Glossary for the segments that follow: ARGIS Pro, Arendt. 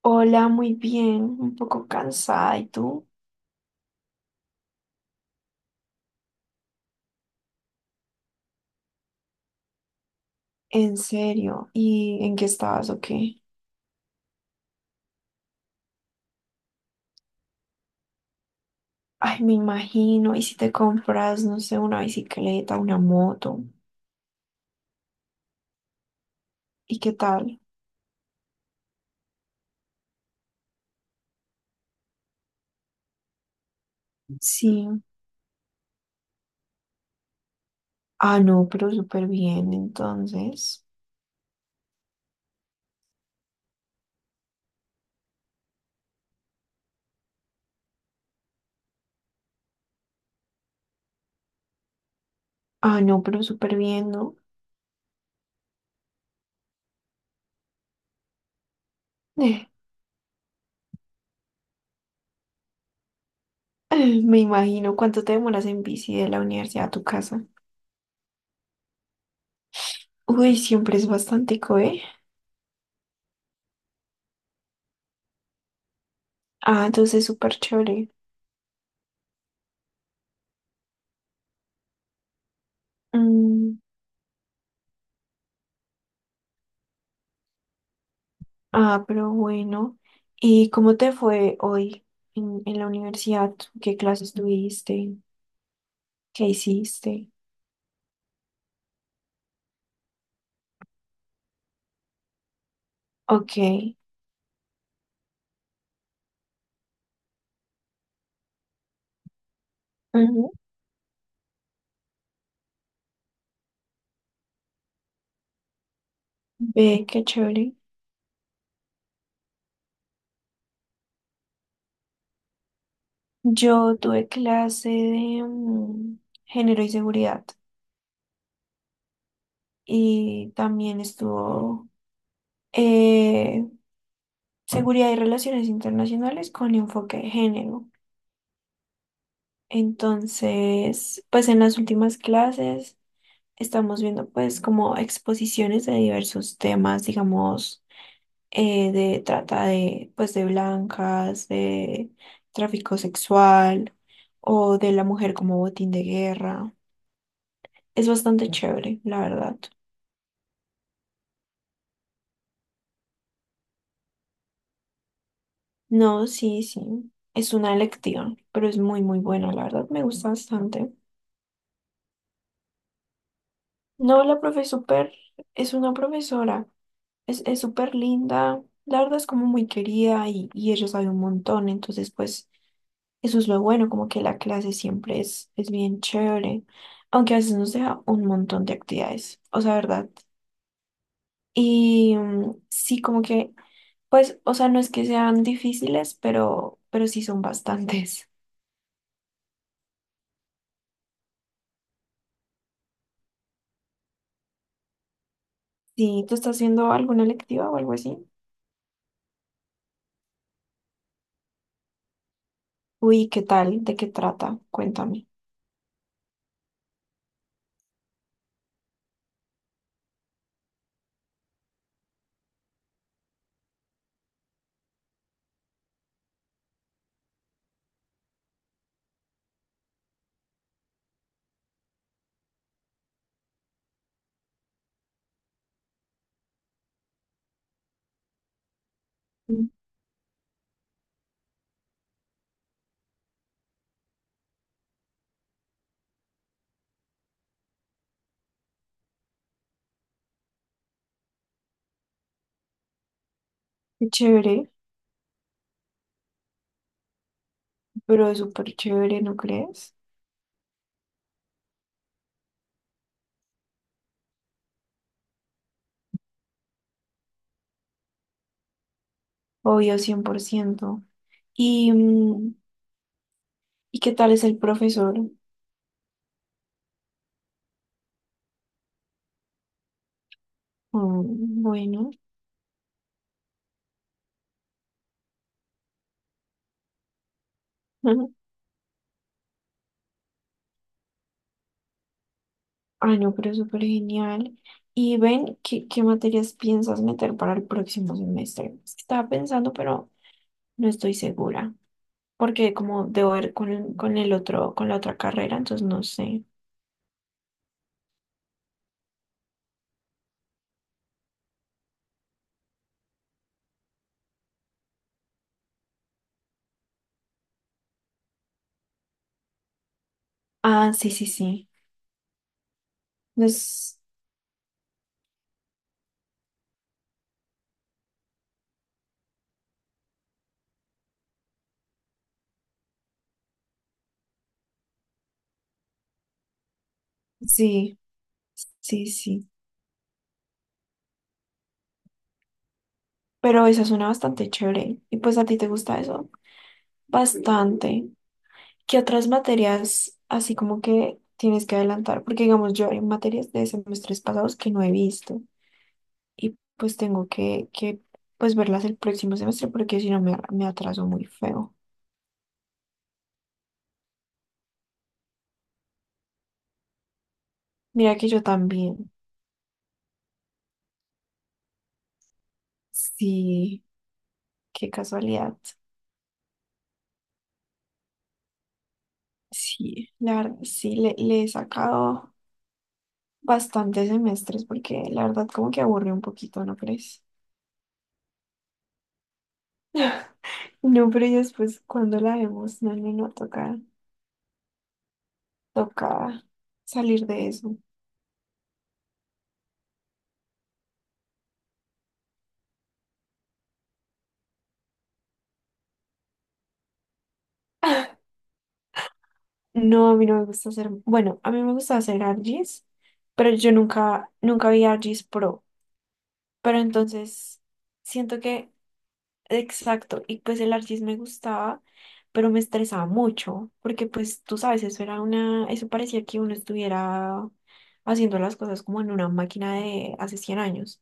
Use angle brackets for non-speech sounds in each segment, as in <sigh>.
Hola, muy bien, un poco cansada. ¿Y tú? ¿En serio? ¿Y en qué estabas o qué? Ay, me imagino. ¿Y si te compras, no sé, una bicicleta, una moto? ¿Y qué tal? Sí. Ah, no, pero súper bien, entonces. Ah, no, pero súper bien, ¿no? Eh, Me imagino. ¿Cuánto te demoras en bici de la universidad a tu casa? Uy, siempre es bastante, ¿eh? Ah, entonces súper chévere. Mm, Ah, pero bueno. ¿Y cómo te fue hoy en la universidad? ¿Qué clases tuviste? ¿Qué hiciste? Ok. Ujú. Ve, qué chévere. Yo tuve clase de género y seguridad y también estuvo eh, seguridad y relaciones internacionales con enfoque de género. Entonces, pues en las últimas clases, estamos viendo pues como exposiciones de diversos temas, digamos, de trata de pues de blancas, de tráfico sexual o de la mujer como botín de guerra. Es bastante chévere, la verdad. No, sí, sí. Es una electiva, pero es muy, muy buena, la verdad. Me gusta bastante. No, la profe es súper, es una profesora. Es súper linda. La verdad es como muy querida y ella sabe un montón. Entonces, pues, eso es lo bueno, como que la clase siempre es, bien chévere, aunque a veces nos deja un montón de actividades, o sea, ¿verdad? Y sí, como que, pues, o sea, no es que sean difíciles, pero, sí son bastantes. <laughs> Sí, ¿tú estás haciendo alguna electiva o algo así? Uy, ¿qué tal? ¿De qué trata? Cuéntame. Mm, Qué chévere, pero es súper chévere, ¿no crees? Obvio, 100%. ¿Y, mm, ¿y qué tal es el profesor? Mm, bueno. <laughs> Ay, no, pero súper genial. Y ven, ¿qué materias piensas meter para el próximo semestre? Estaba pensando, pero no estoy segura, porque como debo ver con, el otro, con la otra carrera, entonces no sé. Ah, sí, sí, sí. No es- Sí, sí, sí. Pero esa suena bastante chévere. Y pues a ti te gusta eso bastante. ¿Qué otras materias así como que tienes que adelantar? Porque digamos, yo hay materias de semestres pasados que no he visto, y pues tengo que, pues verlas el próximo semestre porque si no me atraso muy feo. Mira que yo también, sí, qué casualidad. Sí, la verdad, sí, le he sacado bastantes semestres porque la verdad como que aburre un poquito, ¿no crees? <laughs> No, pero y después cuando la vemos, no, no, no, toca, toca salir de eso. <laughs> No, a mí no me gusta hacer, bueno, a mí me gusta hacer ARGIS, pero yo nunca, nunca vi ARGIS Pro. Pero entonces siento que, exacto, y pues el archis me gustaba, pero me estresaba mucho, porque pues tú sabes, eso parecía que uno estuviera haciendo las cosas como en una máquina de hace 100 años.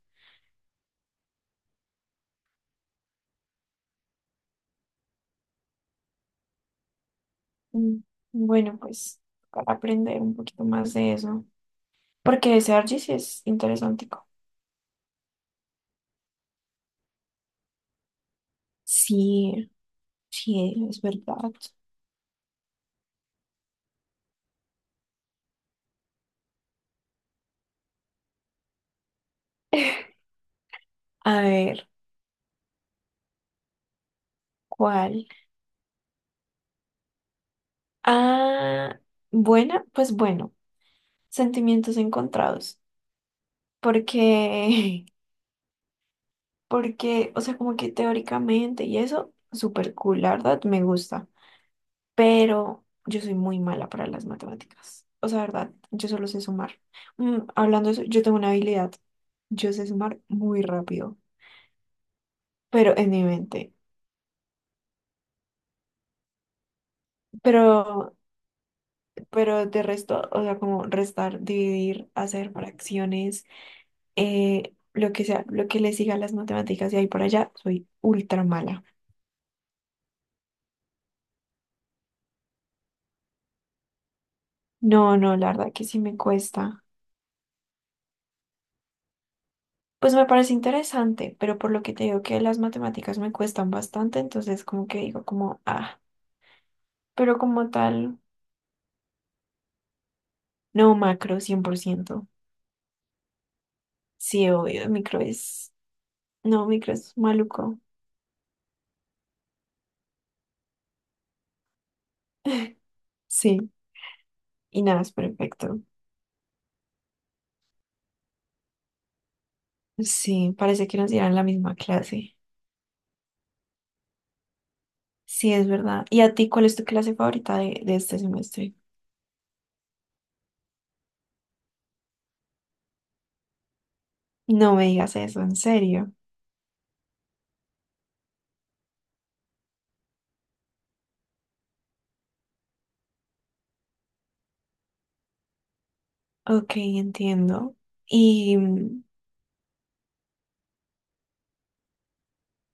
Mm, Bueno, pues para aprender un poquito más de eso, porque ese archis es interesante. Sí, sí, es verdad. <laughs> A ver, ¿cuál? Ah, buena, pues bueno, sentimientos encontrados. Porque, <laughs> porque, o sea, como que teóricamente y eso, súper cool, la verdad, me gusta. Pero yo soy muy mala para las matemáticas. O sea, verdad, yo solo sé sumar. Hablando de eso, yo tengo una habilidad. Yo sé sumar muy rápido, pero en mi mente. Pero, pero de resto, o sea, como restar, dividir, hacer fracciones, lo que sea, lo que le siga a las matemáticas y ahí por allá, soy ultra mala. No, no, la verdad que sí me cuesta. Pues me parece interesante, pero por lo que te digo que las matemáticas me cuestan bastante, entonces como que digo como, ah, pero como tal, no macro 100%. Sí, obvio, micro es, no, micro es maluco. Sí, y nada, es perfecto. Sí, parece que nos dieran la misma clase. Sí, es verdad. ¿Y a ti cuál es tu clase favorita de este semestre? No me digas eso, en serio. Ok, entiendo. Y, mm,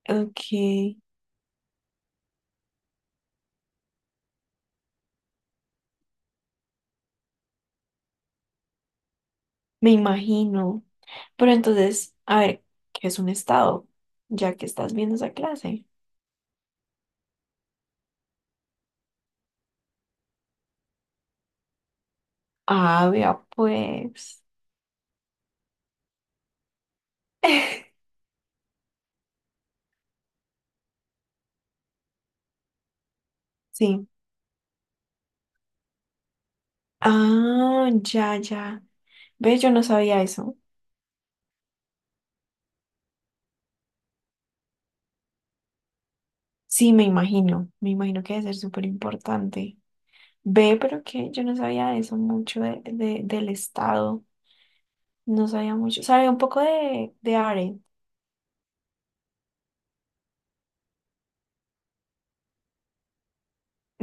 ok, me imagino. Pero entonces, a ver, ¿qué es un estado? Ya que estás viendo esa clase. Ah, vea, pues. <laughs> Sí. Ah, ya, ya. Ve, yo no sabía eso. Sí, me imagino. Me imagino que debe ser súper importante. Ve, pero que yo no sabía eso mucho de, del estado. No sabía mucho. Sabía un poco de, Arendt.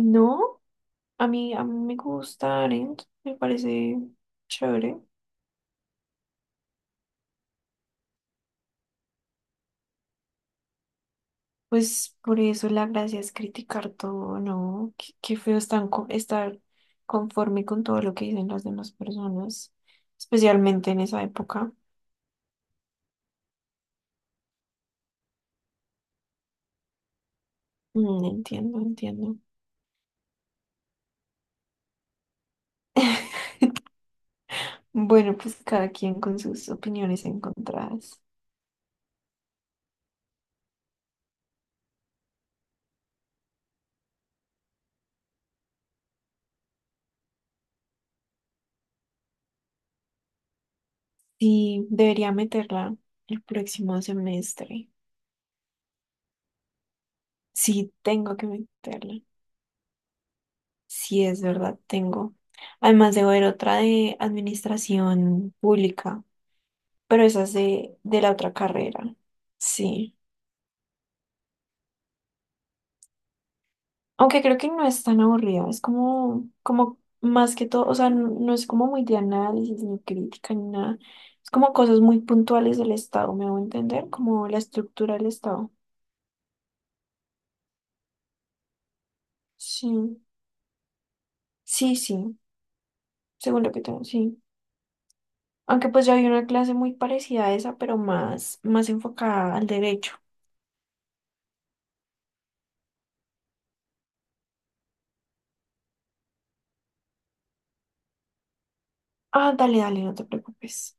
No, a mí me gusta Arendt. Me parece chévere. Pues por eso la gracia es criticar todo, ¿no? Qué feo es tan estar conforme con todo lo que dicen las demás personas, especialmente en esa época. Entiendo, entiendo. <laughs> Bueno, pues cada quien con sus opiniones encontradas. Sí, debería meterla el próximo semestre. Sí, tengo que meterla. Sí, es verdad, tengo. Además, debo ver otra de administración pública, pero esa es de, la otra carrera. Sí. Aunque creo que no es tan aburrida, es como, más que todo, o sea, no, no es como muy de análisis, ni crítica, ni nada. Es como cosas muy puntuales del Estado, me hago entender, como la estructura del Estado. Sí, sí, sí, según lo que tengo, sí. Aunque pues ya había una clase muy parecida a esa, pero más, más enfocada al derecho. Ah, dale, dale, no te preocupes.